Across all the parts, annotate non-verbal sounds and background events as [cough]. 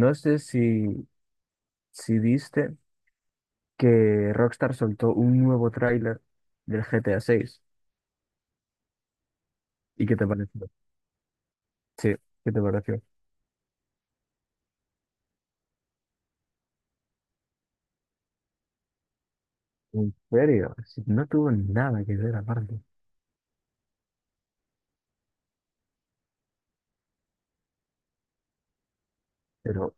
No sé si viste que Rockstar soltó un nuevo tráiler del GTA 6. ¿Y qué te pareció? Sí, ¿qué te pareció? ¿En serio? Si no tuvo nada que ver aparte. Pero,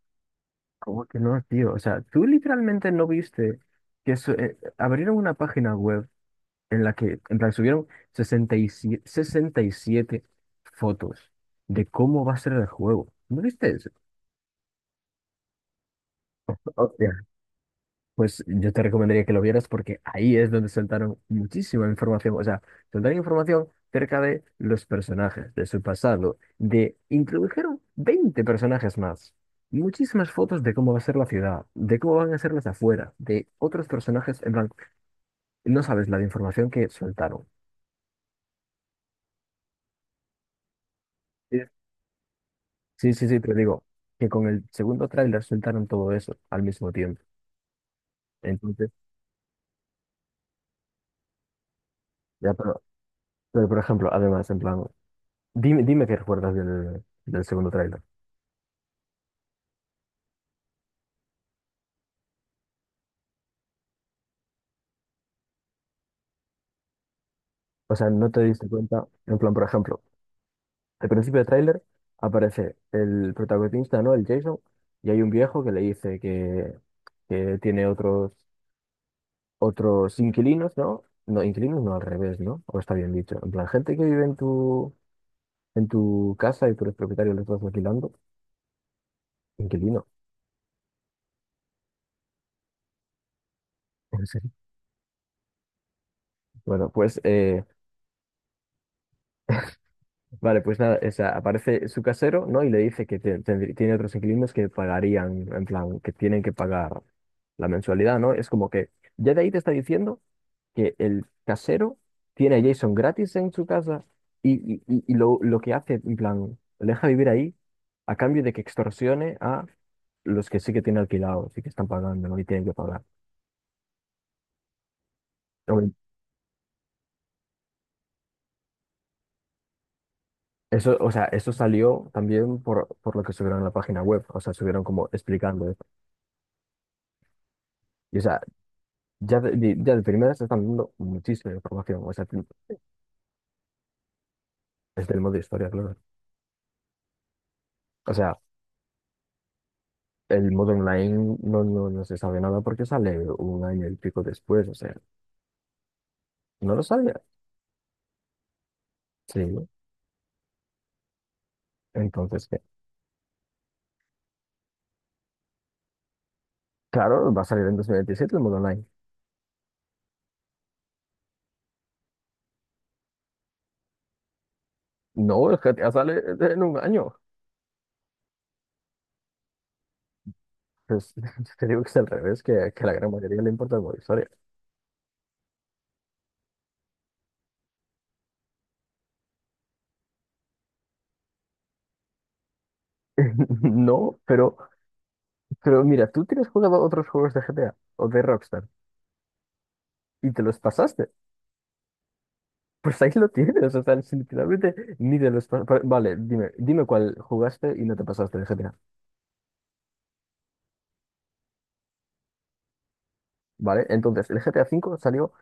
¿cómo que no, tío? O sea, tú literalmente no viste que abrieron una página web en la que subieron sesenta y siete fotos de cómo va a ser el juego. ¿No viste eso? Pues yo te recomendaría que lo vieras porque ahí es donde soltaron muchísima información. O sea, soltaron información cerca de los personajes, de su pasado, de introdujeron 20 personajes más. Muchísimas fotos de cómo va a ser la ciudad, de cómo van a ser las afueras, de otros personajes. En plan, no sabes la de información que soltaron. Sí. Sí, sí, sí, pero digo que con el segundo tráiler soltaron todo eso al mismo tiempo. Entonces, ya, pero por ejemplo, además, en plan, dime qué recuerdas del segundo tráiler. O sea, no te diste cuenta, en plan, por ejemplo, al principio del tráiler aparece el protagonista, ¿no? El Jason, y hay un viejo que le dice que tiene otros inquilinos, ¿no? No, inquilinos no, al revés, ¿no? O está bien dicho. En plan, gente que vive en tu casa y tú eres propietario, lo estás alquilando. Inquilino, en serio. Bueno, pues vale, pues nada, o sea, aparece su casero, ¿no? Y le dice que tiene otros inquilinos que pagarían, en plan, que tienen que pagar la mensualidad, ¿no? Es como que ya de ahí te está diciendo que el casero tiene a Jason gratis en su casa y lo que hace, en plan, le deja vivir ahí a cambio de que extorsione a los que sí que tienen alquilados y que están pagando, ¿no? Y tienen que pagar. Hombre, eso, o sea, eso salió también por lo que subieron a la página web, o sea, subieron como explicando eso. Y, o sea, ya de primeras te están dando muchísima información, o sea, desde el modo historia, claro. O sea, el modo online no se sabe nada porque sale un año y pico después. O sea, no lo sabía. Sí, entonces, ¿qué? Claro, va a salir en 2027 el modo online. No, el GTA sale en un año. Pues, [laughs] te digo que es al revés, que a la gran mayoría le importa el modo historia. [laughs] No, pero mira, tú tienes jugado otros juegos de GTA o de Rockstar y te los pasaste. Pues ahí lo tienes. O sea, literalmente ni de los... pa- pa- vale, dime cuál jugaste y no te pasaste el GTA, ¿vale? Entonces, el GTA V salió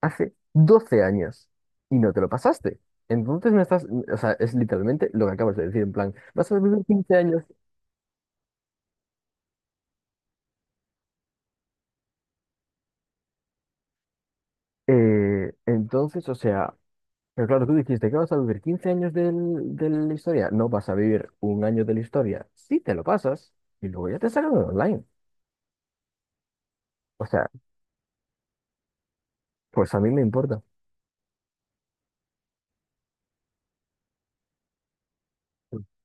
hace 12 años y no te lo pasaste. Entonces me estás... O sea, es literalmente lo que acabas de decir, en plan, vas a vivir 15 años. Entonces, o sea, pero claro, tú dijiste que vas a vivir 15 años de la historia. No vas a vivir un año de la historia. Sí te lo pasas y luego ya te sacan online. O sea, pues a mí me importa.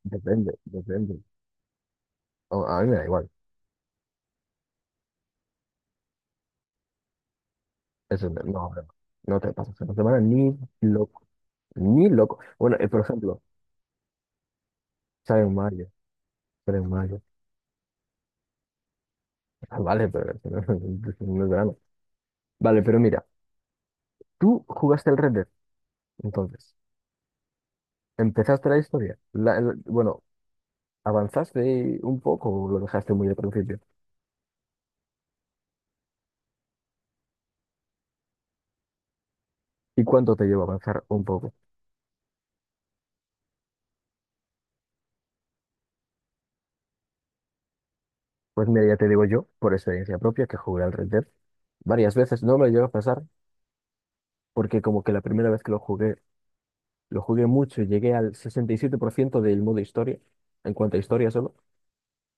Depende, depende. A mí me da igual. Eso no, no, no te pasas una semana ni loco. Ni loco. Bueno, por ejemplo, sale en mayo. Sale en mayo. Ah, vale, pero si no, [laughs] no es verano. Vale, pero mira, tú jugaste el Red Dead, entonces. Empezaste la historia. Bueno, ¿avanzaste un poco o lo dejaste muy al principio? ¿Y cuánto te llevó a avanzar un poco? Pues mira, ya te digo yo, por experiencia propia, que jugué al Red Dead varias veces. No me lo llevo a pasar porque como que la primera vez que lo jugué, lo jugué mucho, llegué al 67% del modo historia, en cuanto a historia solo,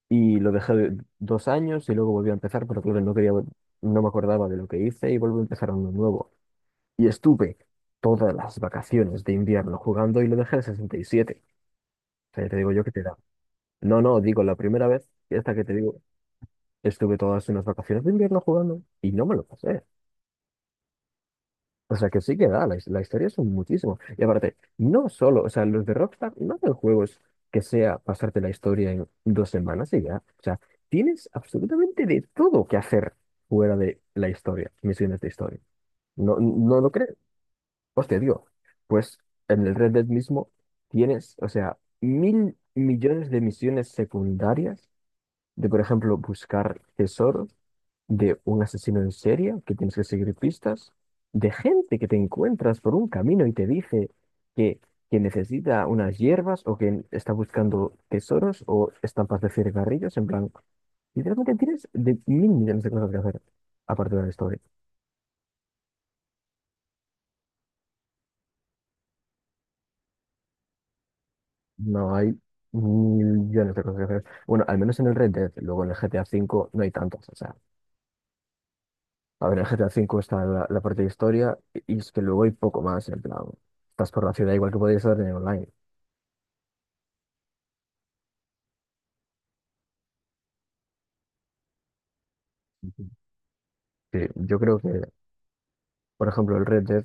y lo dejé 2 años y luego volví a empezar, pero claro, no quería, no me acordaba de lo que hice y volví a empezar uno nuevo. Y estuve todas las vacaciones de invierno jugando y lo dejé al 67. O sea, ya te digo yo que te da. No, no, digo, la primera vez, y esta que te digo, estuve todas unas vacaciones de invierno jugando y no me lo pasé. O sea, que sí que da, la historia son muchísimo. Y aparte, no solo, o sea, los de Rockstar no hacen juegos que sea pasarte la historia en 2 semanas y ya. O sea, tienes absolutamente de todo que hacer fuera de la historia, misiones de historia. No, no lo crees. Hostia, digo, pues en el Red Dead mismo tienes, o sea, mil millones de misiones secundarias de, por ejemplo, buscar tesoros de un asesino en serie que tienes que seguir pistas, de gente que te encuentras por un camino y te dice que, que necesita unas hierbas o que está buscando tesoros o estampas de cigarrillos, en plan, literalmente tienes de mil millones de cosas que hacer aparte de la historia. No hay mil millones de cosas que hacer. Bueno, al menos en el Red Dead, luego en el GTA V no hay tantas. O sea, a ver, en el GTA V está la parte de historia y es que luego hay poco más, en plan, estás por la ciudad igual que podrías estar en el online. Sí, yo creo que, por ejemplo, el Red Dead,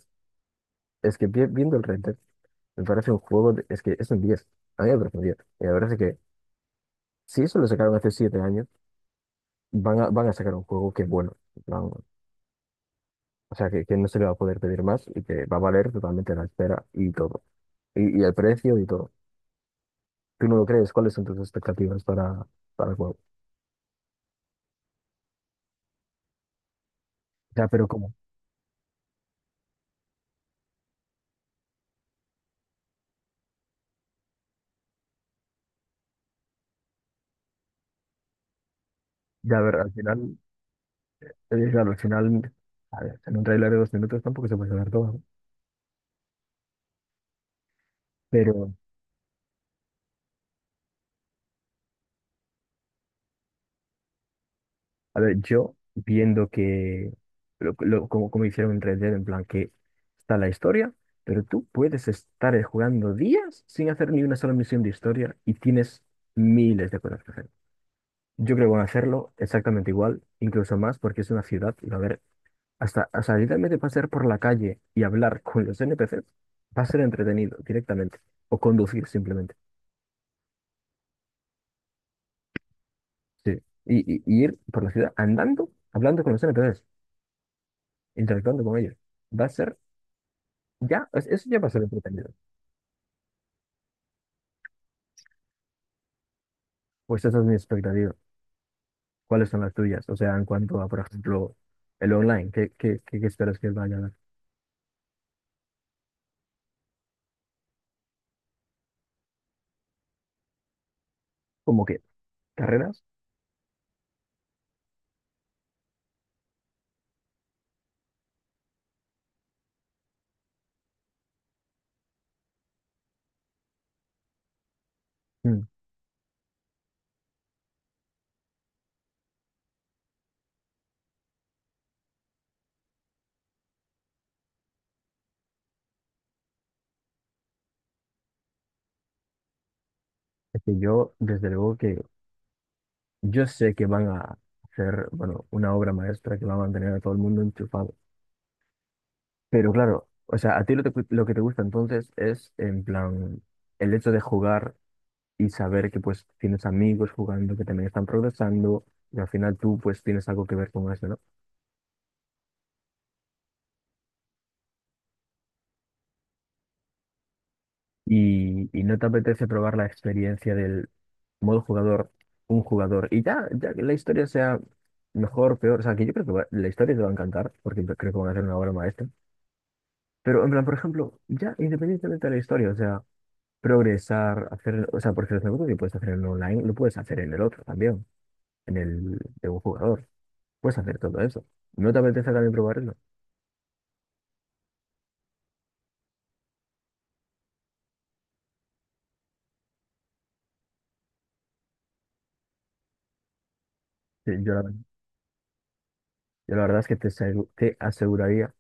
es que viendo el Red Dead, me parece un juego, es que es un 10, a mí me parece un 10. Y la verdad es que si eso lo sacaron hace 7 años, van a sacar un juego que es bueno, en plan, o sea, que no se le va a poder pedir más y que va a valer totalmente la espera y todo, y el precio y todo. ¿Tú no lo crees? ¿Cuáles son tus expectativas para el juego? Ya, pero ¿cómo? Ya, a ver, al final, claro, al final, a ver, en un tráiler de 2 minutos tampoco se puede saber todo, ¿no? Pero, a ver, yo viendo que, como hicieron en Red Dead, en plan que está la historia, pero tú puedes estar jugando días sin hacer ni una sola misión de historia y tienes miles de cosas que hacer. Yo creo que van a hacerlo exactamente igual, incluso más, porque es una ciudad y va a haber, hasta literalmente pasear por la calle y hablar con los NPCs va a ser entretenido directamente, o conducir simplemente. Sí. Y ir por la ciudad andando, hablando con los NPCs, interactuando con ellos. Va a ser Ya, eso ya pasó el entretenido. Pues esas son mis expectativas. ¿Cuáles son las tuyas? O sea, en cuanto a, por ejemplo, el online, ¿qué esperas que vaya a dar? ¿Cómo que carreras? Mm, Es que yo, desde luego que yo sé que van a hacer, bueno, una obra maestra que va a mantener a todo el mundo enchufado. Pero claro, o sea, a ti lo que te gusta entonces es, en plan, el hecho de jugar y saber que pues tienes amigos jugando, que también están progresando, y al final tú pues tienes algo que ver con eso, ¿no? Y no te apetece probar la experiencia del modo jugador, un jugador, y ya que la historia sea mejor, peor, o sea, que yo creo que la historia te va a encantar, porque creo que van a hacer una obra maestra, pero en plan, por ejemplo, ya independientemente de la historia, o sea, progresar, hacer, o sea, porque los negocios que puedes hacer en online, lo puedes hacer en el otro también, en el de un jugador, puedes hacer todo eso. ¿No te apetece también probar eso? Sí, yo la verdad es que te aseguraría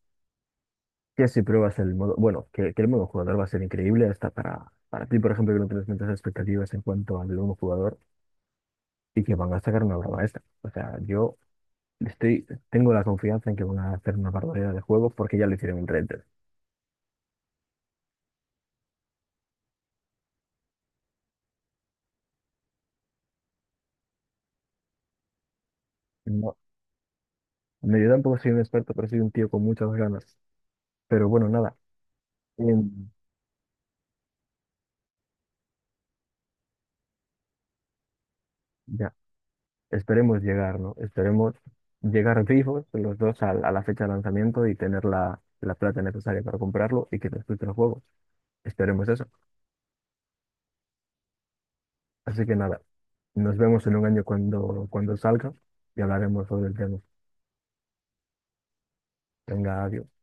que si pruebas el modo, bueno, que el modo jugador va a ser increíble hasta para ti, por ejemplo, que no tienes muchas expectativas en cuanto al modo jugador y que van a sacar una obra maestra. O sea, yo estoy, tengo la confianza en que van a hacer una barbaridad de juegos porque ya lo hicieron en Red Dead. No, me yo tampoco soy un experto, pero soy un tío con muchas ganas. Pero bueno, nada, em, ya, esperemos llegar, ¿no? Esperemos llegar vivos los dos a la fecha de lanzamiento y tener la plata necesaria para comprarlo y que disfrute el juego. Esperemos eso. Así que nada, nos vemos en un año cuando salga y hablaremos sobre el tema. Venga, adiós.